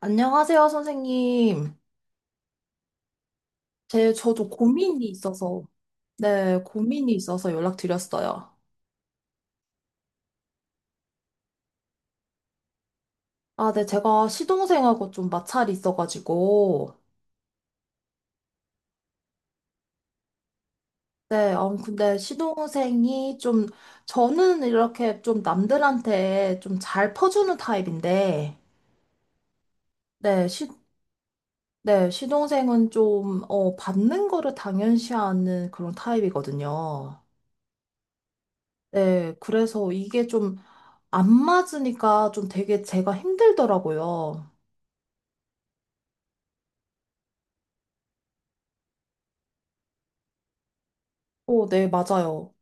안녕하세요, 선생님. 저도 고민이 있어서, 네, 고민이 있어서 연락드렸어요. 아, 네, 제가 시동생하고 좀 마찰이 있어가지고, 네, 근데 시동생이 좀, 저는 이렇게 좀 남들한테 좀 잘 퍼주는 타입인데, 네, 네, 시동생은 좀, 받는 거를 당연시하는 그런 타입이거든요. 네, 그래서 이게 좀 안 맞으니까 좀 되게 제가 힘들더라고요. 네, 맞아요.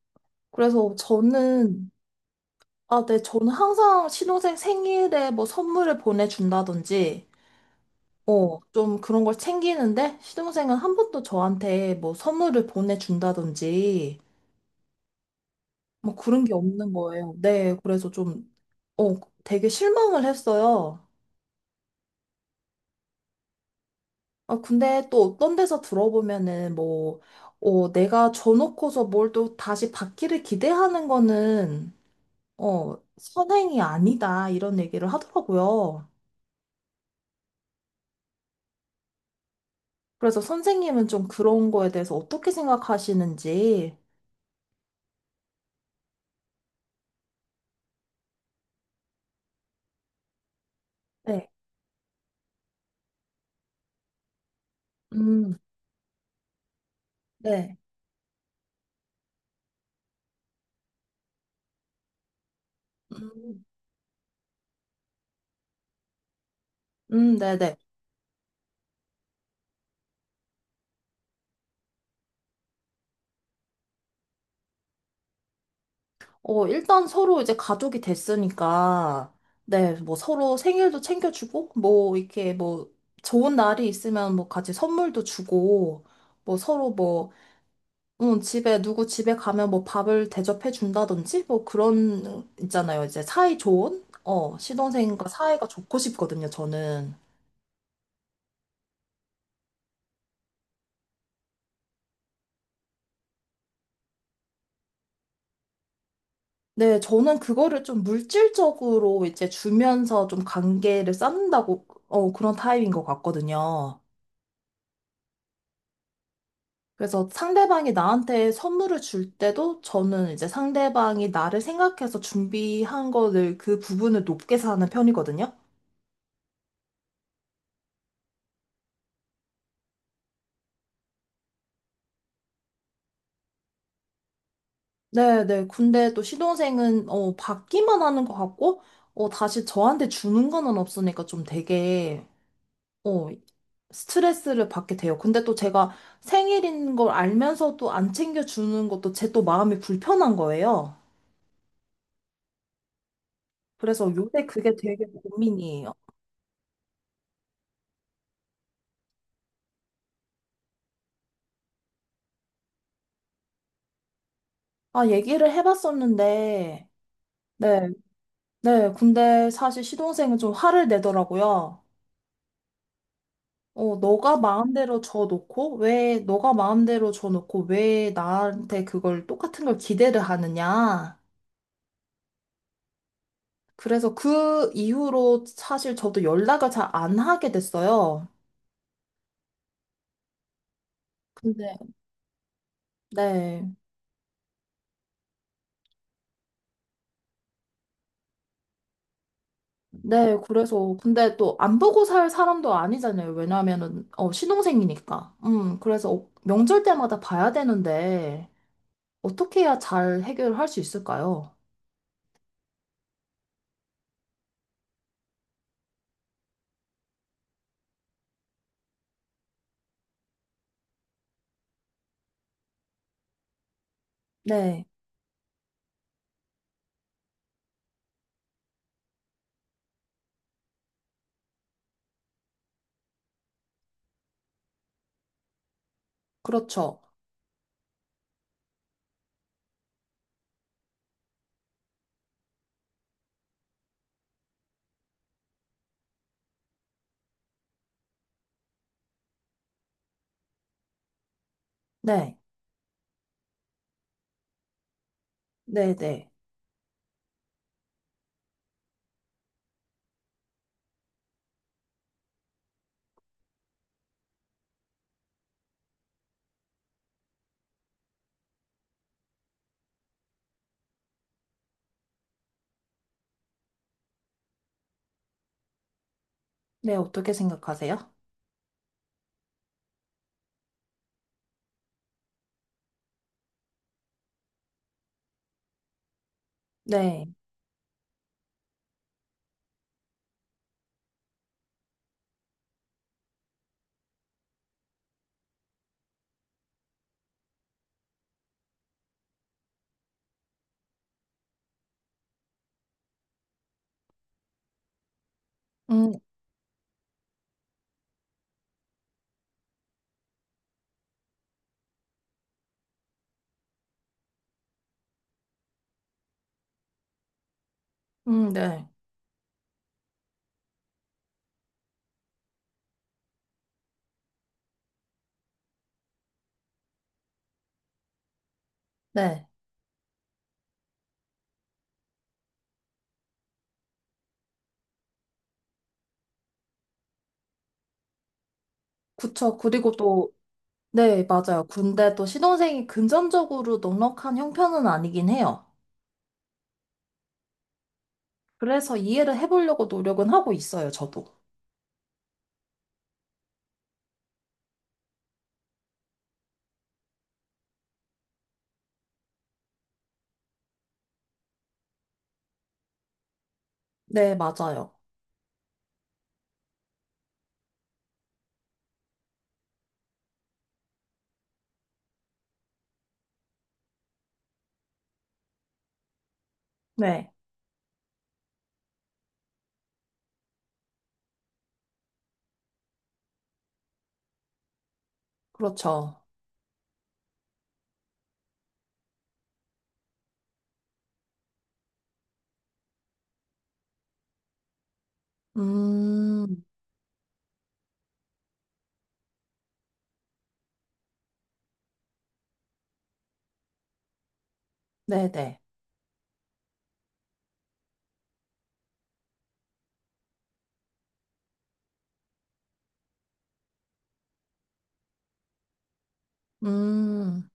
그래서 저는, 아, 네, 저는 항상 신혼생 생일에 뭐 선물을 보내준다든지, 좀 그런 걸 챙기는데, 신혼생은 한 번도 저한테 뭐 선물을 보내준다든지, 뭐 그런 게 없는 거예요. 네, 그래서 좀, 어, 되게 실망을 했어요. 아, 근데 또 어떤 데서 들어보면은 뭐, 내가 줘놓고서 뭘 또 다시 받기를 기대하는 거는 선행이 아니다, 이런 얘기를 하더라고요. 그래서 선생님은 좀 그런 거에 대해서 어떻게 생각하시는지. 네. 음, 네. 음, 네네. 일단 서로 이제 가족이 됐으니까, 네, 뭐 서로 생일도 챙겨주고, 뭐 이렇게 뭐 좋은 날이 있으면 뭐 같이 선물도 주고, 뭐 서로 뭐 응, 집에, 누구 집에 가면 뭐 밥을 대접해 준다든지, 뭐 그런, 있잖아요. 이제 사이 좋은? 어, 시동생과 사이가 좋고 싶거든요, 저는. 네, 저는 그거를 좀 물질적으로 이제 주면서 좀 관계를 쌓는다고, 그런 타입인 것 같거든요. 그래서 상대방이 나한테 선물을 줄 때도 저는 이제 상대방이 나를 생각해서 준비한 거를 그 부분을 높게 사는 편이거든요. 네, 네. 근데 또 시동생은 받기만 하는 것 같고 다시 저한테 주는 거는 없으니까 좀 되게 어 스트레스를 받게 돼요. 근데 또 제가 생일인 걸 알면서도 안 챙겨 주는 것도 제 또 마음이 불편한 거예요. 그래서 요새 그게 되게 고민이에요. 아, 얘기를 해봤었는데 네, 네. 근데 사실 시동생은 좀 화를 내더라고요. 어, 너가 마음대로 줘놓고, 왜, 너가 마음대로 줘놓고, 왜 나한테 그걸 똑같은 걸 기대를 하느냐. 그래서 그 이후로 사실 저도 연락을 잘 안 하게 됐어요. 근데, 네. 네, 그래서, 근데 또 안 보고 살 사람도 아니잖아요. 왜냐면은, 어, 신혼생이니까. 그래서 명절 때마다 봐야 되는데, 어떻게 해야 잘 해결할 수 있을까요? 네, 그렇죠. 네, 네, 네. 네, 어떻게 생각하세요? 네. 음, 네. 네. 그쵸. 그리고 또, 네, 맞아요. 근데 또 신혼생이 금전적으로 넉넉한 형편은 아니긴 해요. 그래서 이해를 해보려고 노력은 하고 있어요, 저도. 네, 맞아요. 네, 그렇죠. 음, 네네. 음,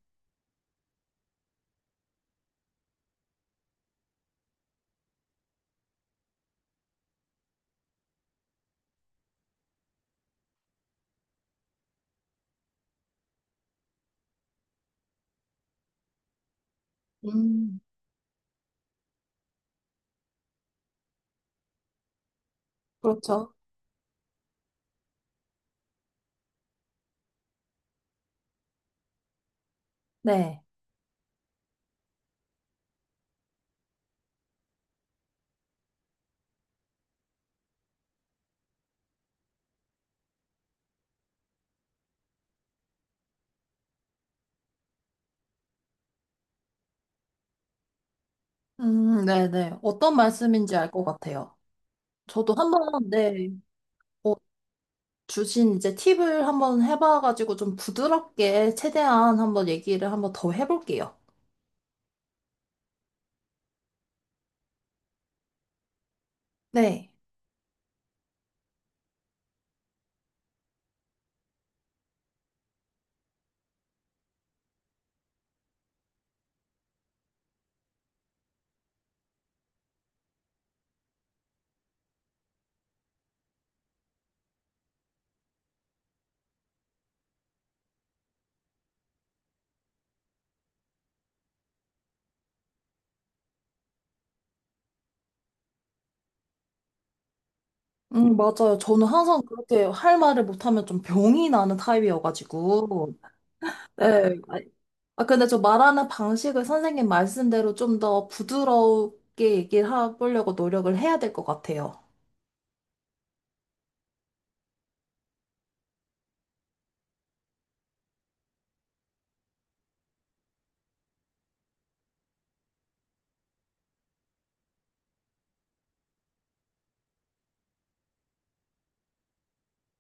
음, 그렇죠. 네. 네네. 어떤 말씀인지 알 것 같아요. 저도 한번, 네. 어, 주신 이제 팁을 한번 해봐가지고 좀 부드럽게 최대한 한번 얘기를 한번 더 해볼게요. 네. 맞아요. 저는 항상 그렇게 할 말을 못하면 좀 병이 나는 타입이어가지고. 네. 아, 근데 저 말하는 방식을 선생님 말씀대로 좀 더 부드럽게 얘기를 해보려고 노력을 해야 될 것 같아요.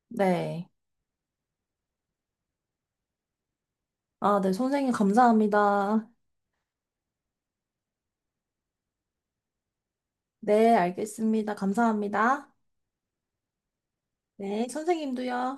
네. 아, 네. 선생님 감사합니다. 네, 알겠습니다. 감사합니다. 네, 선생님도요.